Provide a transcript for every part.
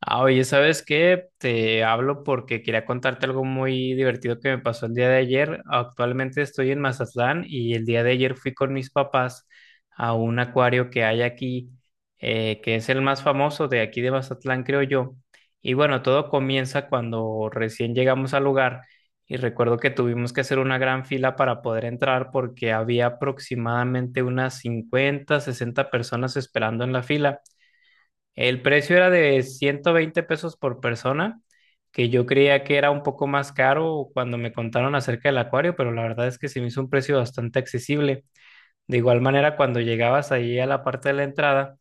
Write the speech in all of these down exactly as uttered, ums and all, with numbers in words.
Ah, oye, ¿sabes qué? Te hablo porque quería contarte algo muy divertido que me pasó el día de ayer. Actualmente estoy en Mazatlán y el día de ayer fui con mis papás a un acuario que hay aquí, eh, que es el más famoso de aquí de Mazatlán, creo yo. Y bueno, todo comienza cuando recién llegamos al lugar y recuerdo que tuvimos que hacer una gran fila para poder entrar porque había aproximadamente unas cincuenta, sesenta personas esperando en la fila. El precio era de ciento veinte pesos por persona, que yo creía que era un poco más caro cuando me contaron acerca del acuario, pero la verdad es que se me hizo un precio bastante accesible. De igual manera, cuando llegabas ahí a la parte de la entrada,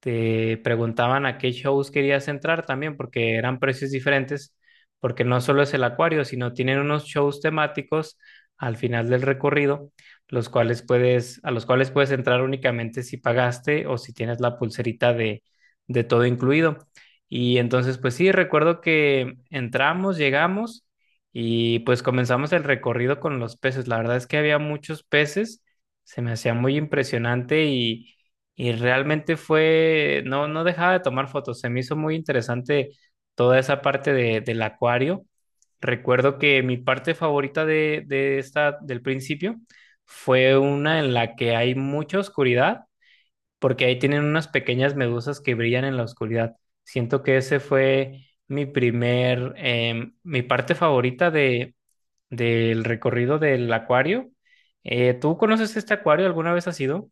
te preguntaban a qué shows querías entrar también, porque eran precios diferentes, porque no solo es el acuario, sino tienen unos shows temáticos al final del recorrido, los cuales puedes, a los cuales puedes entrar únicamente si pagaste o si tienes la pulserita de, de todo incluido. Y entonces, pues sí, recuerdo que entramos, llegamos y pues comenzamos el recorrido con los peces. La verdad es que había muchos peces, se me hacía muy impresionante y, y realmente fue, no, no dejaba de tomar fotos, se me hizo muy interesante toda esa parte de, del acuario. Recuerdo que mi parte favorita de, de esta, del principio fue una en la que hay mucha oscuridad, porque ahí tienen unas pequeñas medusas que brillan en la oscuridad. Siento que ese fue mi primer, em, mi parte favorita de, del recorrido del acuario. Eh, ¿tú conoces este acuario? ¿Alguna vez has ido?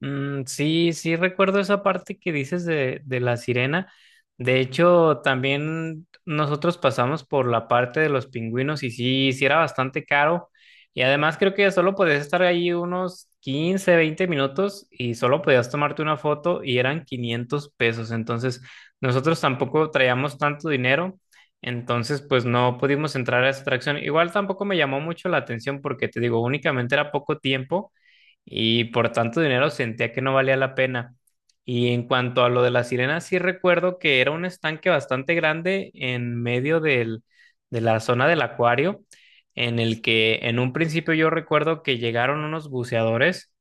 Mm, sí, sí recuerdo esa parte que dices de, de la sirena. De hecho, también nosotros pasamos por la parte de los pingüinos y sí, sí era bastante caro. Y además creo que solo podías estar ahí unos quince, veinte minutos y solo podías tomarte una foto y eran quinientos pesos. Entonces, nosotros tampoco traíamos tanto dinero. Entonces, pues no pudimos entrar a esa atracción. Igual tampoco me llamó mucho la atención porque te digo, únicamente era poco tiempo y por tanto dinero sentía que no valía la pena. Y en cuanto a lo de las sirenas, sí recuerdo que era un estanque bastante grande en medio del, de la zona del acuario, en el que en un principio yo recuerdo que llegaron unos buceadores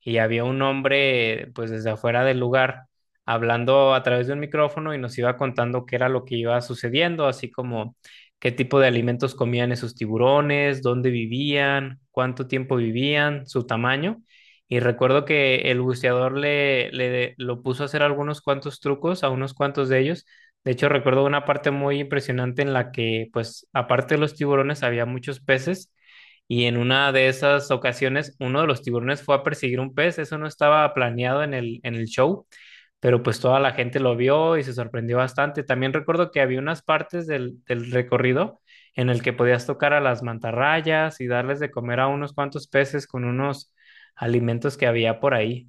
y había un hombre pues desde afuera del lugar hablando a través de un micrófono y nos iba contando qué era lo que iba sucediendo, así como qué tipo de alimentos comían esos tiburones, dónde vivían, cuánto tiempo vivían, su tamaño. Y recuerdo que el buceador le, le lo puso a hacer algunos cuantos trucos a unos cuantos de ellos. De hecho, recuerdo una parte muy impresionante en la que, pues, aparte de los tiburones, había muchos peces. Y en una de esas ocasiones, uno de los tiburones fue a perseguir un pez. Eso no estaba planeado en el, en el show, pero pues toda la gente lo vio y se sorprendió bastante. También recuerdo que había unas partes del, del recorrido en el que podías tocar a las mantarrayas y darles de comer a unos cuantos peces con unos alimentos que había por ahí.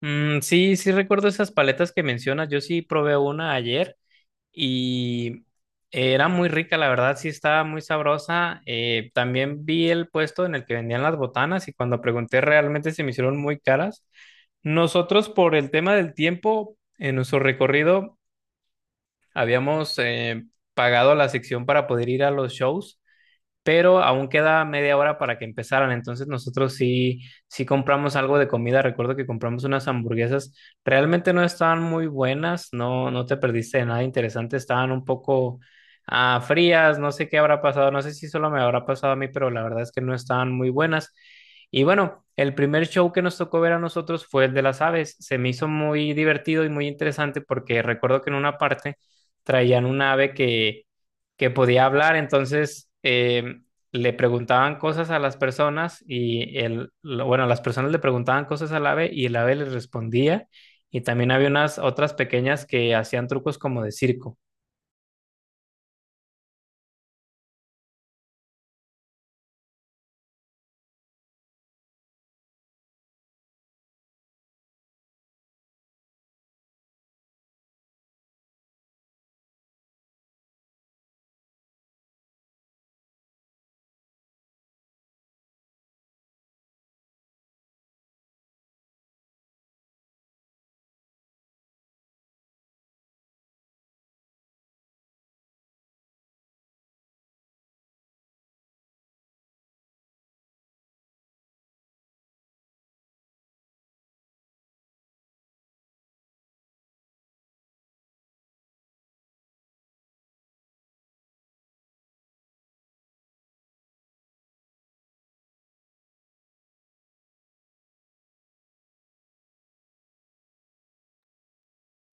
Mm, sí, sí recuerdo esas paletas que mencionas. Yo sí probé una ayer y era muy rica, la verdad, sí estaba muy sabrosa. Eh, también vi el puesto en el que vendían las botanas y cuando pregunté realmente se me hicieron muy caras. Nosotros por el tema del tiempo, en nuestro recorrido habíamos eh, pagado la sección para poder ir a los shows, pero aún queda media hora para que empezaran. Entonces nosotros sí, sí compramos algo de comida. Recuerdo que compramos unas hamburguesas. Realmente no estaban muy buenas, no, no te perdiste de nada interesante. Estaban un poco ah, frías, no sé qué habrá pasado, no sé si solo me habrá pasado a mí, pero la verdad es que no estaban muy buenas. Y bueno, el primer show que nos tocó ver a nosotros fue el de las aves. Se me hizo muy divertido y muy interesante porque recuerdo que en una parte traían una ave que que podía hablar, entonces eh, le preguntaban cosas a las personas y el, lo- bueno, las personas le preguntaban cosas al ave y el ave les respondía y también había unas otras pequeñas que hacían trucos como de circo.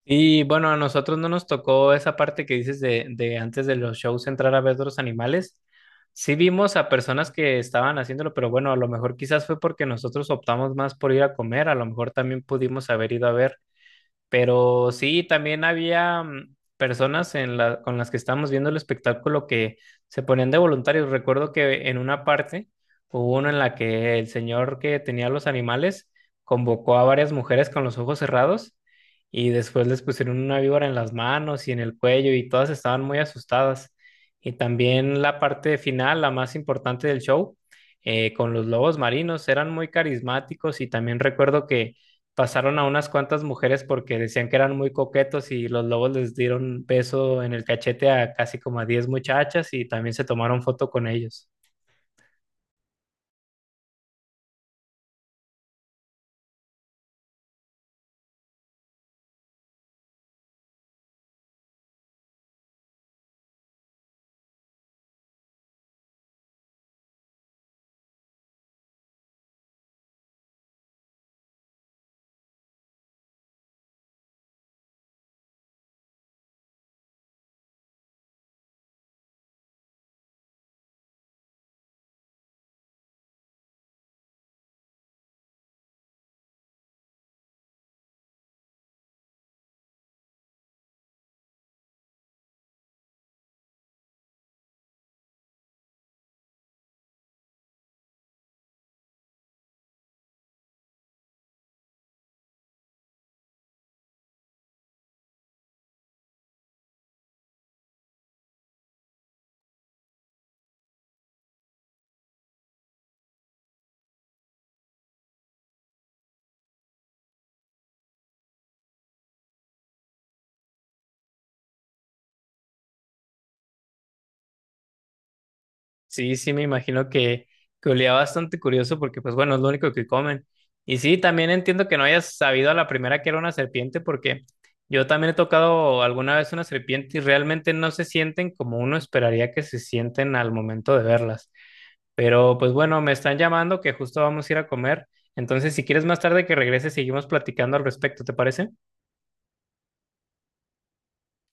Y bueno, a nosotros no nos tocó esa parte que dices de, de antes de los shows entrar a ver los animales. Sí vimos a personas que estaban haciéndolo, pero bueno, a lo mejor quizás fue porque nosotros optamos más por ir a comer, a lo mejor también pudimos haber ido a ver. Pero sí, también había mm, personas en la, con las que estábamos viendo el espectáculo que se ponían de voluntarios. Recuerdo que en una parte hubo una en la que el señor que tenía los animales convocó a varias mujeres con los ojos cerrados y después les pusieron una víbora en las manos y en el cuello y todas estaban muy asustadas. Y también la parte final, la más importante del show, eh, con los lobos marinos, eran muy carismáticos y también recuerdo que pasaron a unas cuantas mujeres porque decían que eran muy coquetos y los lobos les dieron beso en el cachete a casi como a diez muchachas y también se tomaron foto con ellos. Sí, sí, me imagino que, que olía bastante curioso porque pues bueno, es lo único que comen. Y sí, también entiendo que no hayas sabido a la primera que era una serpiente porque yo también he tocado alguna vez una serpiente y realmente no se sienten como uno esperaría que se sienten al momento de verlas. Pero pues bueno, me están llamando que justo vamos a ir a comer. Entonces, si quieres más tarde que regrese, seguimos platicando al respecto, ¿te parece?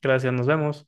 Gracias, nos vemos.